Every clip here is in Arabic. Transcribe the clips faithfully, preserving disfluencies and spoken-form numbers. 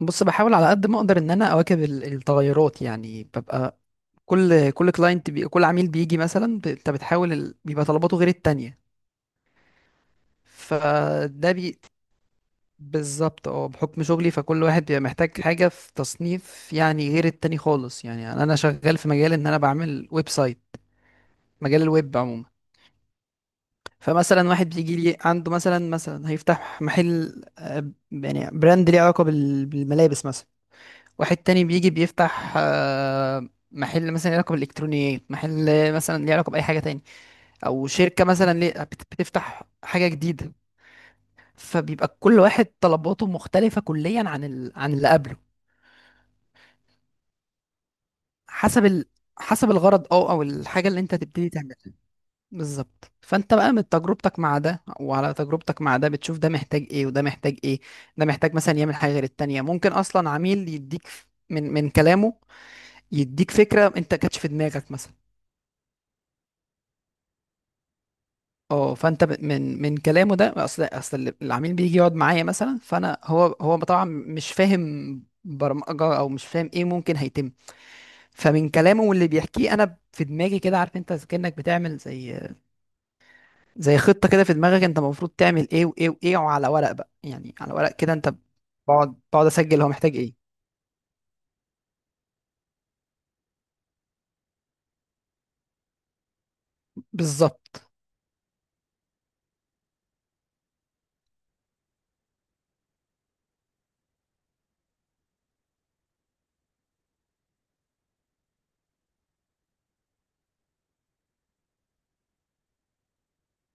بص، بحاول على قد ما اقدر ان انا اواكب ال- التغيرات. يعني ببقى كل كل كلاينت بي... كل عميل بيجي مثلا، ب- انت بتحاول ال... بيبقى طلباته غير التانية. فده بي... بالظبط، اه، بحكم شغلي فكل واحد بيبقى محتاج حاجة في تصنيف يعني غير التاني خالص. يعني انا أنا شغال في مجال ان انا بعمل ويب سايت، مجال الويب عموما. فمثلا واحد بيجي لي، عنده مثلا مثلا هيفتح محل، آه، يعني براند ليه علاقة بال... بالملابس مثلا. واحد تاني بيجي بيفتح آه، محل مثلا ليه علاقة بالإلكترونيات، محل مثلا ليه علاقة بأي حاجة تاني، أو شركة مثلا ليه بت- بتفتح حاجة جديدة. فبيبقى كل واحد طلباته مختلفة كليا عن ال... عن اللي قبله. حسب ال... حسب الغرض أو أو الحاجة اللي أنت تبتدي تعملها. بالظبط، فأنت بقى من تجربتك مع ده وعلى تجربتك مع ده بتشوف ده محتاج إيه وده محتاج إيه. ده محتاج مثلا يعمل حاجة غير التانية. ممكن أصلا عميل يديك من من كلامه، يديك فكرة أنت كانتش في دماغك مثلا. اه، فانت ب- من من كلامه ده، اصل اصل العميل بيجي يقعد معايا مثلا، فانا هو هو طبعا مش فاهم برمجه او مش فاهم ايه ممكن هيتم. فمن كلامه واللي بيحكيه انا في دماغي كده عارف، انت كانك بتعمل زي زي خطه كده في دماغك، انت المفروض تعمل ايه وايه وايه، وعلى ورق بقى، يعني على ورق كده انت بقعد بقعد اسجل هو محتاج ايه. بالظبط،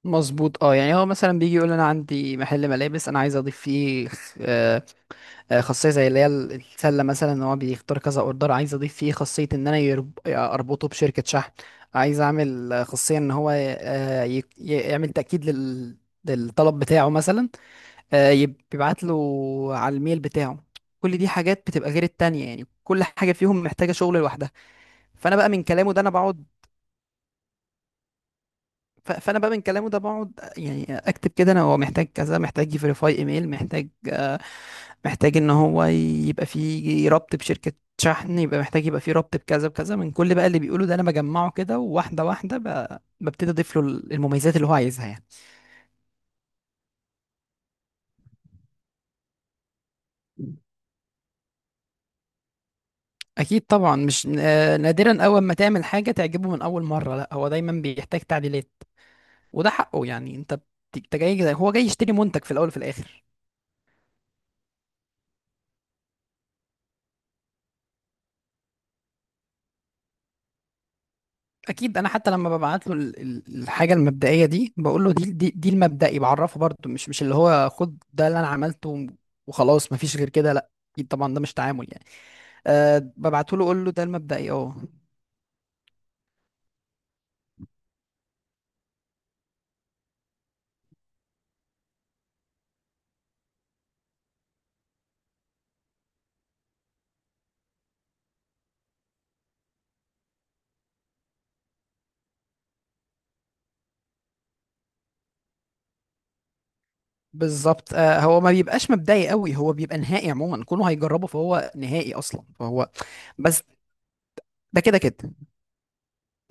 مظبوط. اه، يعني هو مثلا بيجي يقول انا عندي محل ملابس، انا عايز اضيف فيه آه، خاصية زي اللي هي ال- السلة مثلا، ان هو بيختار كذا اوردر. عايز اضيف فيه خاصية ان انا يرب- اربطه بشركة شحن. عايز اعمل آه، خاصية ان هو آه، ي- ي- يعمل تأكيد لل... للطلب بتاعه مثلا، آه، يب- يبعت له على الميل بتاعه. كل دي حاجات بتبقى غير التانية، يعني كل حاجة فيهم محتاجة شغل لوحدها. فانا بقى من كلامه ده انا بقعد. ف- فانا بقى من كلامه ده بقعد، آه، يعني اكتب كده انا هو محتاج كذا، محتاج يفيريفاي ايميل، محتاج آه، محتاج ان هو يبقى فيه ربط بشركة شحن، يبقى محتاج يبقى فيه ربط بكذا بكذا، من كل بقى اللي بيقوله ده انا بجمعه كده، وواحدة واحدة ب- ببتدي اضيف له المميزات اللي هو عايزها يعني. اكيد طبعا، مش آه، نادرا اول ما تعمل حاجة تعجبه من اول مرة، لا، هو دايما بيحتاج تعديلات. وده حقه يعني. انت بت- انت جاي، هو جاي يشتري منتج في الاول وفي الاخر. اكيد، انا حتى لما ببعت له ال- ال- الحاجه المبدئيه دي، بقول له دي دي, دي المبدئي، بعرفه برضه، مش مش اللي هو خد ده اللي انا عملته وخلاص، مفيش غير كده، لا، اكيد طبعا ده مش تعامل يعني. أه، ببعته له اقول له ده المبدئي، اه. بالظبط، أه، هو ما بيبقاش مبدئي قوي، هو بيبقى نهائي عموما، كونه هيجربه فهو نهائي اصلا. فهو بس ده كده كده.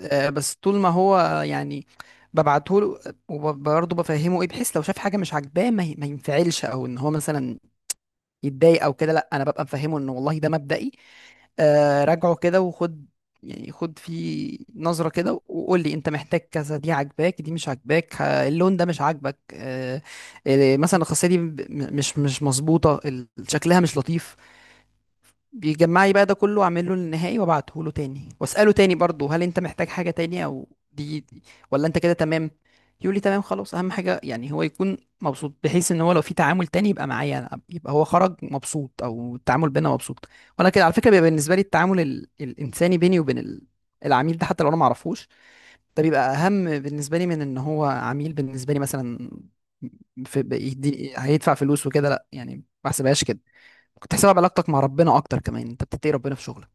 أه، بس طول ما هو يعني ببعته له، وبرضه بفهمه ايه، بحيث لو شاف حاجه مش عاجباه ما ي- ما ينفعلش، او ان هو مثلا يتضايق او كده، لا، انا ببقى مفهمه ان والله ده مبدئي. آه، راجعه كده وخد، يعني خد فيه نظرة كده وقول لي انت محتاج كذا، دي عاجباك، دي مش عاجباك، ه- اللون ده مش عاجبك، آه، آه، مثلا الخاصية دي ب- م- مش مش مظبوطة، ال- شكلها مش لطيف. بيجمع لي بقى ده كله، واعمل له النهائي وابعته له تاني، واساله تاني برضه هل انت محتاج حاجه تاني، او دي, دي، ولا انت كده تمام. يقول لي تمام خلاص. اهم حاجه يعني هو يكون مبسوط، بحيث ان هو لو في تعامل تاني يبقى معايا انا، يبقى هو خرج مبسوط، او التعامل بينا مبسوط. وانا كده على فكره بيبقى بالنسبه لي التعامل ال... الانساني بيني وبين ال... العميل ده، حتى لو انا ما اعرفوش، ده بيبقى اهم بالنسبه لي من ان هو عميل بالنسبه لي مثلا، في... بيدي- هيدفع فلوس وكده، لا يعني ما بحسبهاش كده. كنت حساب علاقتك مع ربنا اكتر كمان، انت بتتقي ربنا في شغلك.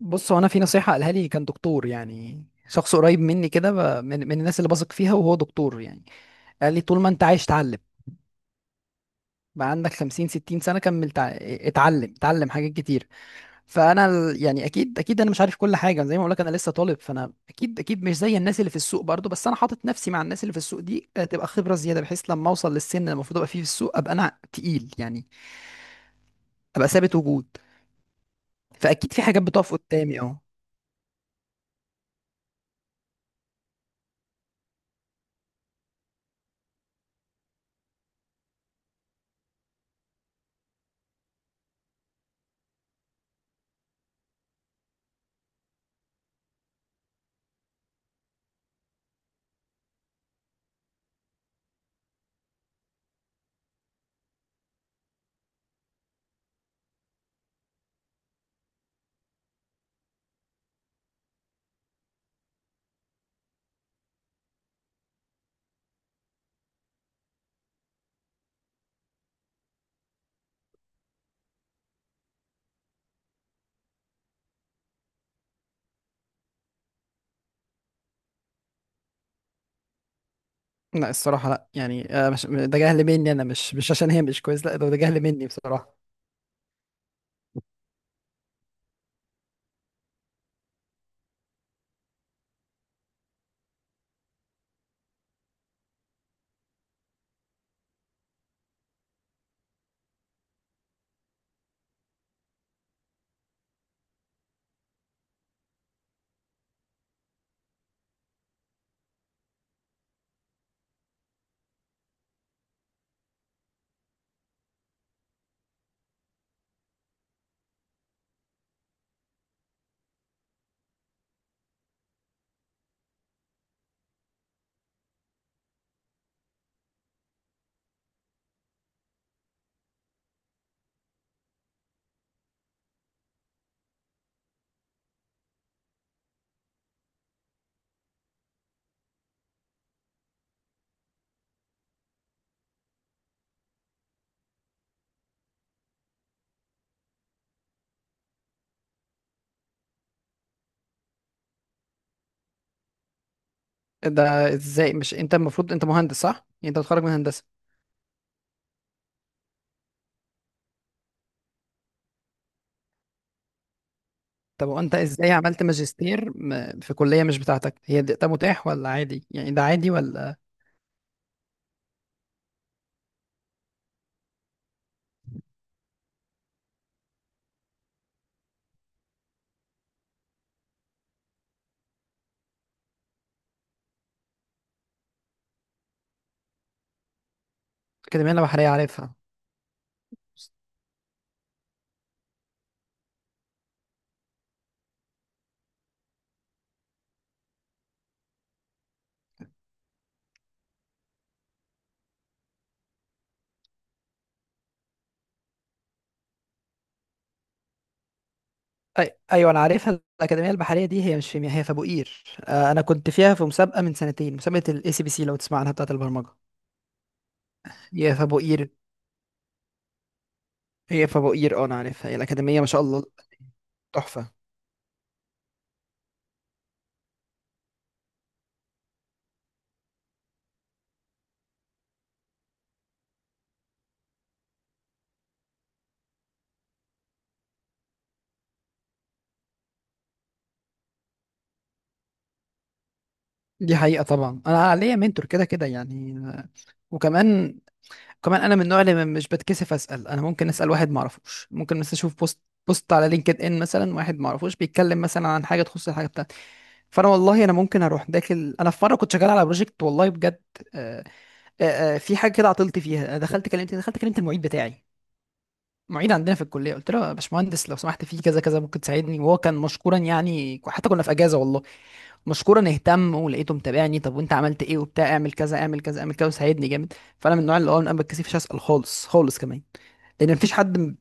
بص، هو انا في نصيحه قالها لي، كان دكتور يعني شخص قريب مني كده، ب- من, من الناس اللي بثق فيها وهو دكتور يعني، قال لي طول ما انت عايش اتعلم. بقى عندك خمسين ستين سنه كمل، تع- اتعلم اتعلم حاجات كتير. فانا ال- يعني اكيد اكيد انا مش عارف كل حاجه، زي ما بقول لك انا لسه طالب، فانا اكيد اكيد مش زي الناس اللي في السوق برضو، بس انا حاطط نفسي مع الناس اللي في السوق دي، آه، تبقى خبره زياده، بحيث لما اوصل للسن اللي المفروض ابقى فيه في السوق ابقى انا تقيل يعني، ابقى ثابت وجود. فاكيد في حاجات بتقف قدامي، اه. لا الصراحة لا، يعني آه، مش ده جهل مني، أنا مش مش عشان هي مش كويس، لا ده ده جهل مني بصراحة. ده إزاي، مش أنت المفروض أنت مهندس صح؟ يعني أنت متخرج من هندسة. طب وأنت إزاي عملت ماجستير م- في كلية مش بتاعتك؟ هي ده ده متاح ولا عادي؟ يعني ده عادي ولا؟ الأكاديمية البحرية عارفها؟ أي... ايوه انا عارفها، الاكاديميه البحريه دي هي مش في مياه، هي في ابو قير. آه، انا كنت فيها في مسابقه من سنتين، مسابقه الاي سي بي سي لو تسمع عنها، بتاعه البرمجه. هي في ابو قير، هي في ابو قير، اه انا عارفها، هي الاكاديميه ما شاء الله، تحفه. دي حقيقة طبعا، أنا ليا منتور كده كده يعني، وكمان كمان أنا من النوع اللي م- مش بتكسف أسأل. أنا ممكن أسأل واحد ما أعرفوش، ممكن مثلا أشوف بوست بوست على لينكد إن، مثلا واحد ما أعرفوش بيتكلم مثلا عن حاجة تخص الحاجة بتاعتي، فأنا والله أنا ممكن أروح داخل. أنا في مرة كنت شغال على بروجكت، والله بجد، آه، آه، آه، في حاجة كده عطلت فيها، دخلت كلمت، دخلت كلمت المعيد بتاعي، معيد عندنا في الكلية، قلت له يا باشمهندس لو سمحت في كذا كذا، ممكن تساعدني. وهو كان مشكورا يعني، حتى كنا في أجازة والله، مشكورا اهتم ولقيته متابعني، طب وانت عملت ايه وبتاع اعمل كذا اعمل كذا اعمل كذا، وساعدني جامد. فانا من النوع اللي هو انا ما بتكسفش اسال خالص خالص، كمان لان مفيش حد م-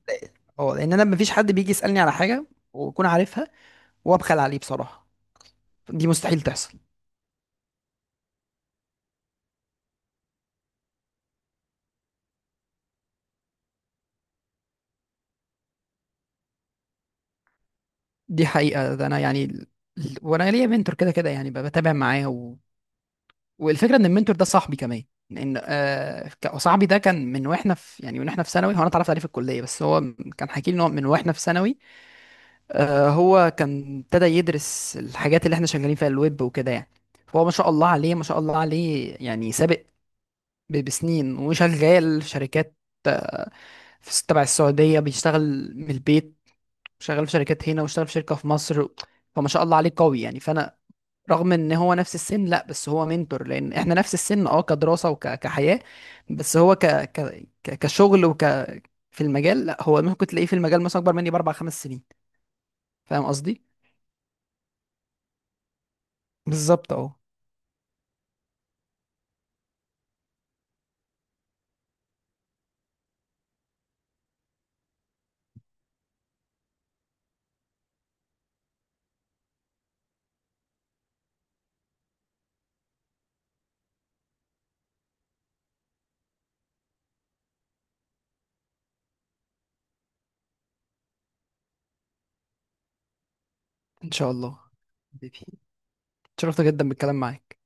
اه لان انا مفيش حد بيجي يسالني على حاجه واكون عارفها وابخل عليه بصراحه، دي مستحيل تحصل. دي حقيقه ده انا يعني ال- ال- وانا ليا منتور كده كده يعني، ب- بتابع معاه و... والفكره ان المنتور ده صاحبي كمان. لان آه ك- صاحبي ده كان من واحنا في يعني من واحنا في ثانوي، هو انا اتعرفت عليه في الكليه بس هو كان حكي لي ان هو من واحنا في ثانوي، آه، هو كان ابتدى يدرس الحاجات اللي احنا شغالين فيها الويب وكده يعني. فهو ما شاء الله عليه ما شاء الله عليه يعني سابق ب- بسنين، وشغال في شركات في س- تبع السعودية بيشتغل من البيت، شغال في شركات هنا، واشتغل في شركة في مصر، فما شاء الله عليه قوي يعني. فأنا رغم ان هو نفس السن، لا بس هو منتور، لان احنا نفس السن اه كدراسة وكحياة، بس هو ك... ك... ك- كشغل وك في المجال، لا هو ممكن تلاقيه في المجال مثلا اكبر مني باربع خمس سنين، فاهم قصدي؟ بالظبط اهو. ان شاء الله. حبيبي، اتشرفت جدا بالكلام معاك.